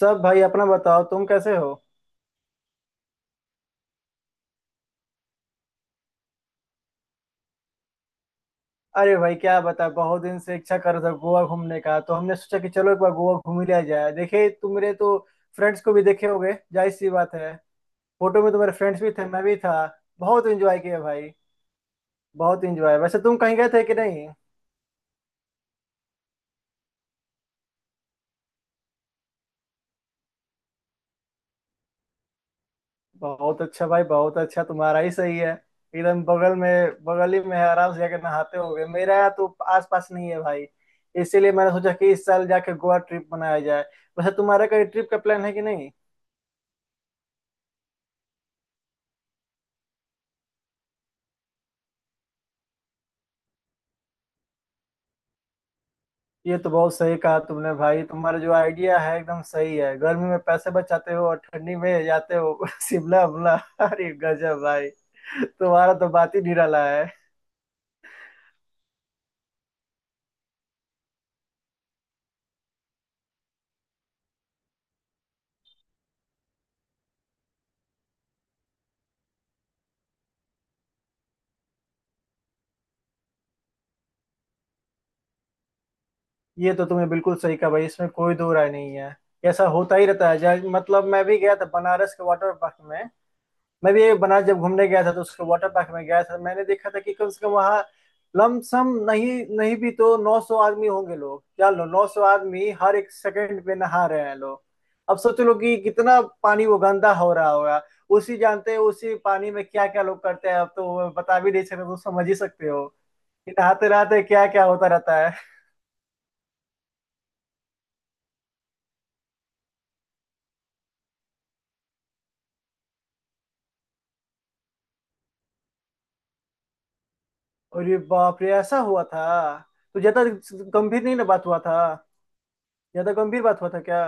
सब भाई। अपना बताओ तुम कैसे हो? अरे भाई क्या बता, बहुत दिन से इच्छा कर रहा था गोवा घूमने का तो हमने सोचा कि चलो एक बार गोवा घूम ही लिया जाए। देखे तुम्हारे तो फ्रेंड्स को भी देखे होगे, जाहिर सी बात है। फोटो में तुम्हारे फ्रेंड्स भी थे, मैं भी था। बहुत एंजॉय किया भाई, बहुत एंजॉय। वैसे तुम कहीं गए थे कि नहीं? बहुत अच्छा भाई, बहुत अच्छा। तुम्हारा ही सही है, एकदम बगल में, बगल ही में है, आराम से जाके नहाते होगे। मेरा तो आस पास नहीं है भाई। इसीलिए मैंने सोचा कि इस साल जाके गोवा ट्रिप बनाया जाए। वैसे तुम्हारा कहीं ट्रिप का प्लान है कि नहीं? ये तो बहुत सही कहा तुमने भाई, तुम्हारा जो आइडिया है एकदम सही है, गर्मी में पैसे बचाते हो और ठंडी में जाते हो शिमला उमला। अरे गजब भाई, तुम्हारा तो बात ही निराला है। ये तो तुमने बिल्कुल सही कहा भाई, इसमें कोई दो राय नहीं है। ऐसा होता ही रहता है। मतलब मैं भी गया था बनारस के वाटर पार्क में। मैं भी बनारस जब घूमने गया था तो उसके वाटर पार्क में गया था। मैंने देखा था कि कम से कम वहाँ लमसम नहीं, नहीं भी तो 900 आदमी होंगे, लोग जान लो 900 आदमी हर एक सेकंड पे नहा रहे हैं लोग। अब सोच लो कि कितना पानी वो गंदा हो रहा होगा। उसी, जानते हैं उसी पानी में क्या क्या लोग करते हैं, अब तो वो बता भी नहीं सकते तो समझ ही सकते हो कि नहाते नहाते क्या क्या होता रहता है। और ये बाप रे, ऐसा हुआ था? तो ज्यादा गंभीर नहीं ना बात हुआ था? ज्यादा गंभीर बात हुआ था क्या?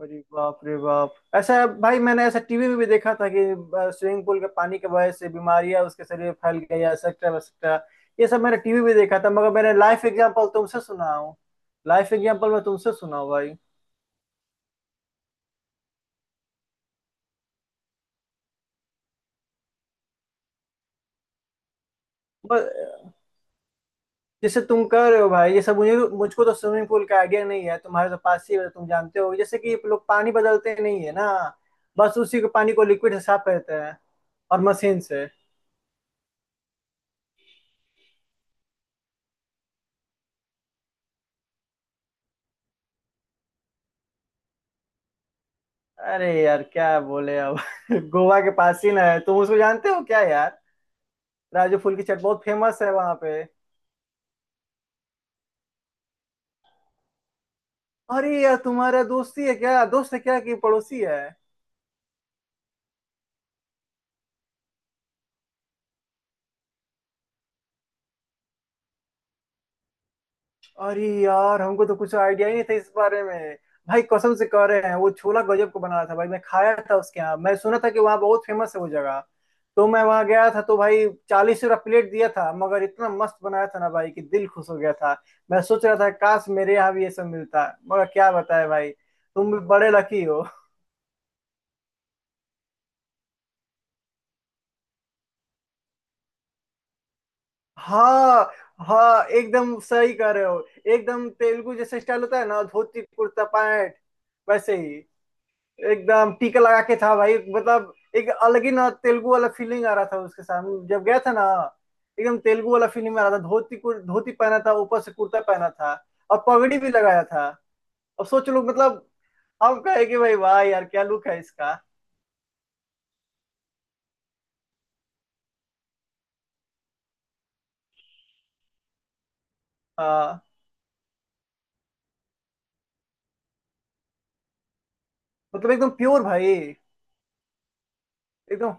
अरे बाप रे बाप, ऐसा! भाई मैंने ऐसा टीवी में भी देखा था कि स्विमिंग पूल के पानी के वजह से बीमारियां उसके शरीर में फैल गई, एक्सेट्रा एक्सेट्रा। ये सब मैंने टीवी में देखा था मगर मैंने लाइफ एग्जांपल तुमसे सुना हूँ। लाइफ एग्जांपल मैं तुमसे सुना हूँ भाई। ब- जैसे तुम कह रहे हो भाई, ये सब मुझे मुझको तो स्विमिंग पूल का आइडिया नहीं है, तुम्हारे तो पास ही है, तुम जानते हो जैसे कि लोग पानी बदलते नहीं है ना, बस उसी के पानी को लिक्विड से साफ करते हैं और मशीन से। अरे यार क्या बोले अब गोवा के पास ही ना है, तुम उसको जानते हो क्या यार? राजू फूल की चाट बहुत फेमस है वहां पे। अरे यार तुम्हारा दोस्ती है क्या, दोस्त है क्या कि पड़ोसी है? अरे यार हमको तो कुछ आइडिया ही नहीं था इस बारे में। भाई कसम से कह रहे हैं वो छोला गजब को बना रहा था भाई, मैं खाया था उसके यहाँ, मैं सुना था कि वहाँ बहुत फेमस है वो जगह, तो मैं वहाँ गया था तो भाई 40 रुपया प्लेट दिया था, मगर इतना मस्त बनाया था ना भाई कि दिल खुश हो गया था। मैं सोच रहा था काश मेरे यहाँ भी ये सब मिलता, मगर क्या बताए भाई। तुम भी बड़े लकी हो। हाँ। हाँ एकदम सही कह रहे हो, एकदम तेलुगु जैसे स्टाइल होता है ना, धोती कुर्ता पैंट, वैसे ही। एकदम टीका लगा के था भाई, मतलब एक अलग ही ना तेलुगु वाला फीलिंग आ रहा था उसके सामने जब गया था ना, एकदम तेलुगु वाला फीलिंग आ रहा था। धोती पहना था, ऊपर से कुर्ता पहना था और पगड़ी भी लगाया था। अब सोच लो मतलब हम कहे कि भाई वाह यार क्या लुक है इसका! हाँ। मतलब एकदम प्योर भाई। एकदम।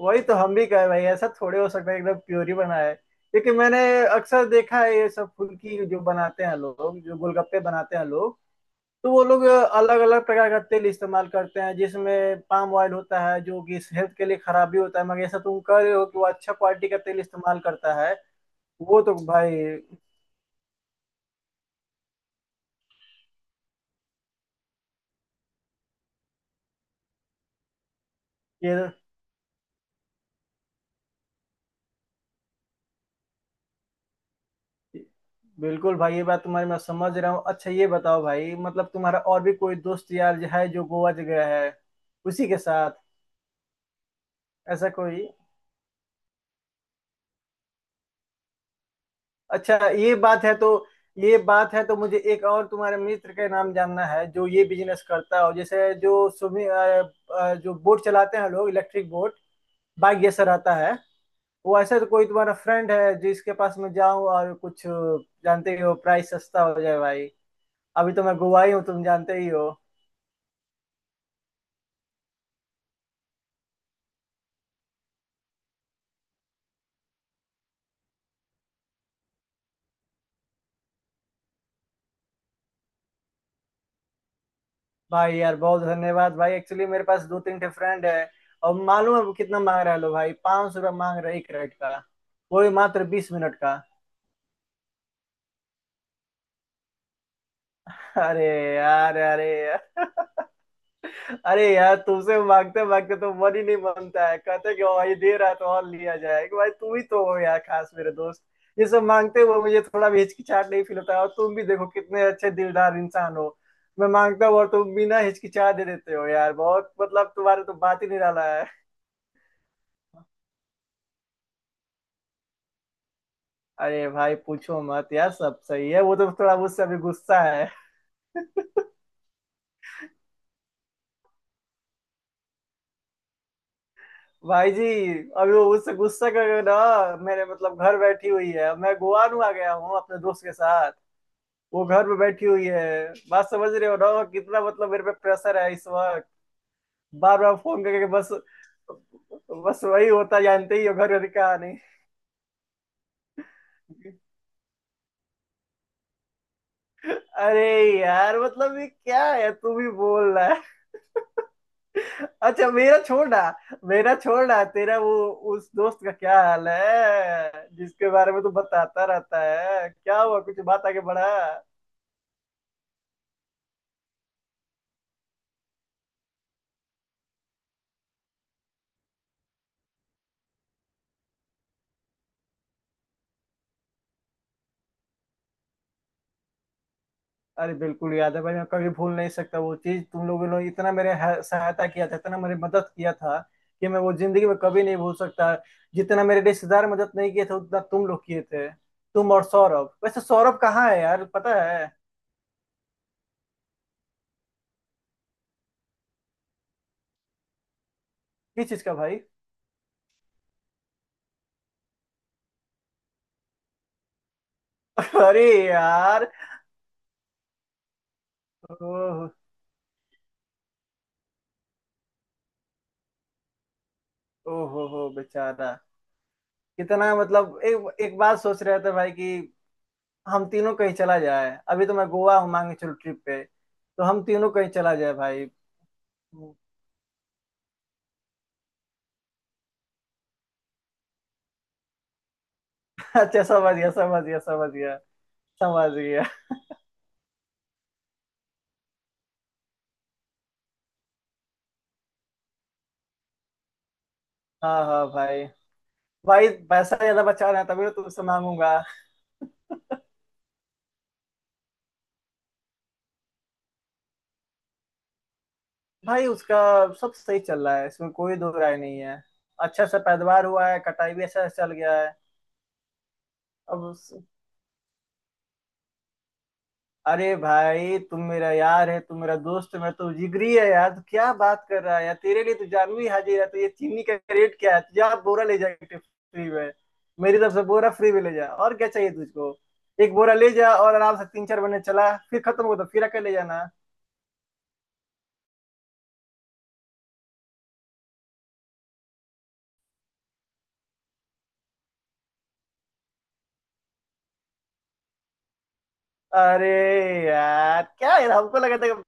वही तो हम भी कहे भाई, ऐसा थोड़े हो सकता है, एकदम प्योर ही बना है क्योंकि मैंने अक्सर देखा है ये सब फुल्की जो बनाते हैं लोग, जो गोलगप्पे बनाते हैं लोग, तो वो लोग अलग अलग प्रकार का तेल इस्तेमाल करते हैं, जिसमें पाम ऑयल होता है जो कि हेल्थ के लिए खराब भी होता है, मगर ऐसा तुम कह रहे हो कि वो अच्छा क्वालिटी का तेल इस्तेमाल करता है। वो तो भाई, ये बिल्कुल भाई ये बात तुम्हारी मैं समझ रहा हूँ। अच्छा ये बताओ भाई, मतलब तुम्हारा और भी कोई दोस्त यार है जो गोवा गया है उसी के साथ, ऐसा कोई? अच्छा ये बात है तो, ये बात है तो मुझे एक और तुम्हारे मित्र का नाम जानना है जो ये बिजनेस करता हो, जैसे जो सुमी जो बोट चलाते हैं लोग, इलेक्ट्रिक बोट, बाइक आता है वो, ऐसा तो कोई तुम्हारा फ्रेंड है जिसके पास मैं जाऊं और कुछ जानते ही हो, प्राइस सस्ता हो जाए भाई। अभी तो मैं गोवा ही हूँ तुम जानते ही हो। भाई यार बहुत धन्यवाद भाई। एक्चुअली मेरे पास दो तीन ठे फ्रेंड है, और मालूम है वो कितना मांग रहा है? लो भाई 500 रुपया मांग रहा है एक राइड का, वो भी मात्र 20 मिनट का। अरे यार, अरे यार अरे यार, तुमसे मांगते मांगते तो मन ही नहीं मानता है, कहते कि भाई दे रहा है तो और लिया जाए, कि भाई तुम ही तो हो यार खास मेरे दोस्त। ये सब मांगते हुए मुझे थोड़ा भी हिचकिचाहट नहीं फील होता है, और तुम भी देखो कितने अच्छे दिलदार इंसान हो। मैं मांगता हूँ और तुम बिना हिचकिचाह दे देते हो यार, बहुत मतलब तुम्हारे तो बात ही निराला है। अरे भाई पूछो मत यार, सब सही है, वो तो थोड़ा मुझसे अभी गुस्सा है भाई जी अभी वो उससे गुस्सा कर रहे हो ना, मेरे मतलब घर बैठी हुई है, अब मैं गोवान आ गया हूँ अपने दोस्त के साथ। वो घर में बैठी हुई है। बात समझ रहे हो ना कितना मतलब मेरे पे प्रेशर है इस वक्त, बार बार फोन करके, बस बस वही होता जानते ही हो घर का। नहीं, अरे यार मतलब ये क्या है, तू भी बोल रहा है अच्छा मेरा छोड़ना, मेरा छोड़ना। तेरा वो, उस दोस्त का क्या हाल है जिसके बारे में तू बताता रहता है, क्या हुआ कुछ बात आगे बढ़ा? अरे बिल्कुल याद है भाई, मैं कभी भूल नहीं सकता वो चीज। तुम लोगों ने इतना मेरे सहायता किया था, इतना मेरी मदद किया था कि मैं वो जिंदगी में कभी नहीं भूल सकता। जितना मेरे रिश्तेदार मदद नहीं किए थे उतना तुम लोग किए थे। तुम और सौरभ, वैसे सौरभ कहाँ है यार, पता है? किस चीज का भाई? अरे यार। ओहो, ओहो हो बेचारा। कितना मतलब एक एक बात सोच रहे थे भाई कि हम तीनों कहीं चला जाए, अभी तो मैं गोवा हूँ, मांगे चलो ट्रिप पे, तो हम तीनों कहीं चला जाए भाई। अच्छा समझ गया, समझ गया, समझ गया। समझ गया। हाँ हाँ भाई, भाई पैसा ज्यादा बचा रहे हैं तभी तो तुमसे मांगूंगा। भाई उसका सब सही चल रहा है, इसमें कोई दो राय नहीं है। अच्छा सा पैदावार हुआ है, कटाई भी अच्छा से चल गया है। अब, अरे भाई तुम मेरा यार है, तुम मेरा दोस्त है, मैं तो जिगरी है यार, तू क्या बात कर रहा है यार, तेरे लिए तो जानवी हाजिर है, तो ये चीनी का रेट क्या है, तुझे आप बोरा ले जा फ्री में, मेरी तरफ से बोरा फ्री में ले जा और क्या चाहिए तुझको? एक बोरा ले जा और आराम से तीन चार महीने चला, फिर खत्म हो तो फिर आके ले जाना। अरे यार क्या है, हमको लगा था कि-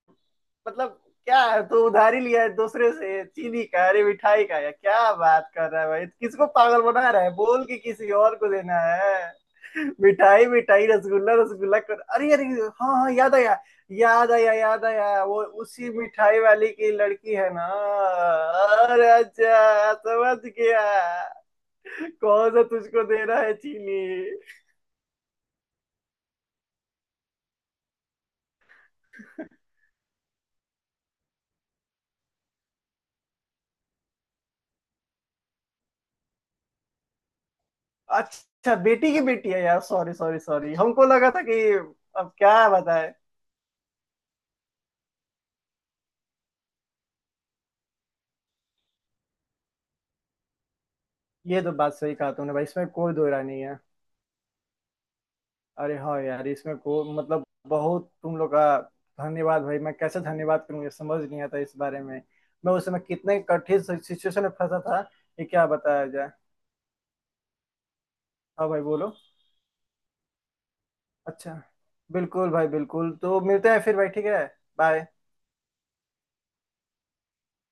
मतलब क्या है, तू उधारी लिया है दूसरे से चीनी का, अरे मिठाई का? यार क्या बात कर रहा है भाई, किसको पागल बना रहा है बोल के किसी और को देना है मिठाई? मिठाई रसगुल्ला रसगुल्ला कर, अरे अरे, हाँ हाँ याद आया, याद आया, याद आया वो उसी मिठाई वाली की लड़की है ना। अरे अच्छा समझ गया। कौन सा तुझको दे रहा है चीनी? अच्छा बेटी की बेटी है, यार सॉरी सॉरी सॉरी, हमको लगा था कि, अब क्या बताए। ये तो बात सही कहा तुमने भाई, इसमें कोई दो राय नहीं है। अरे हाँ यार, इसमें को मतलब बहुत तुम लोग का धन्यवाद भाई, मैं कैसे धन्यवाद करूँ, ये समझ नहीं आता इस बारे में। मैं उस समय कितने कठिन सिचुएशन में फंसा था, ये क्या बताया जाए। हाँ भाई बोलो, अच्छा, बिल्कुल भाई बिल्कुल, तो मिलते हैं फिर भाई, ठीक है। बाय।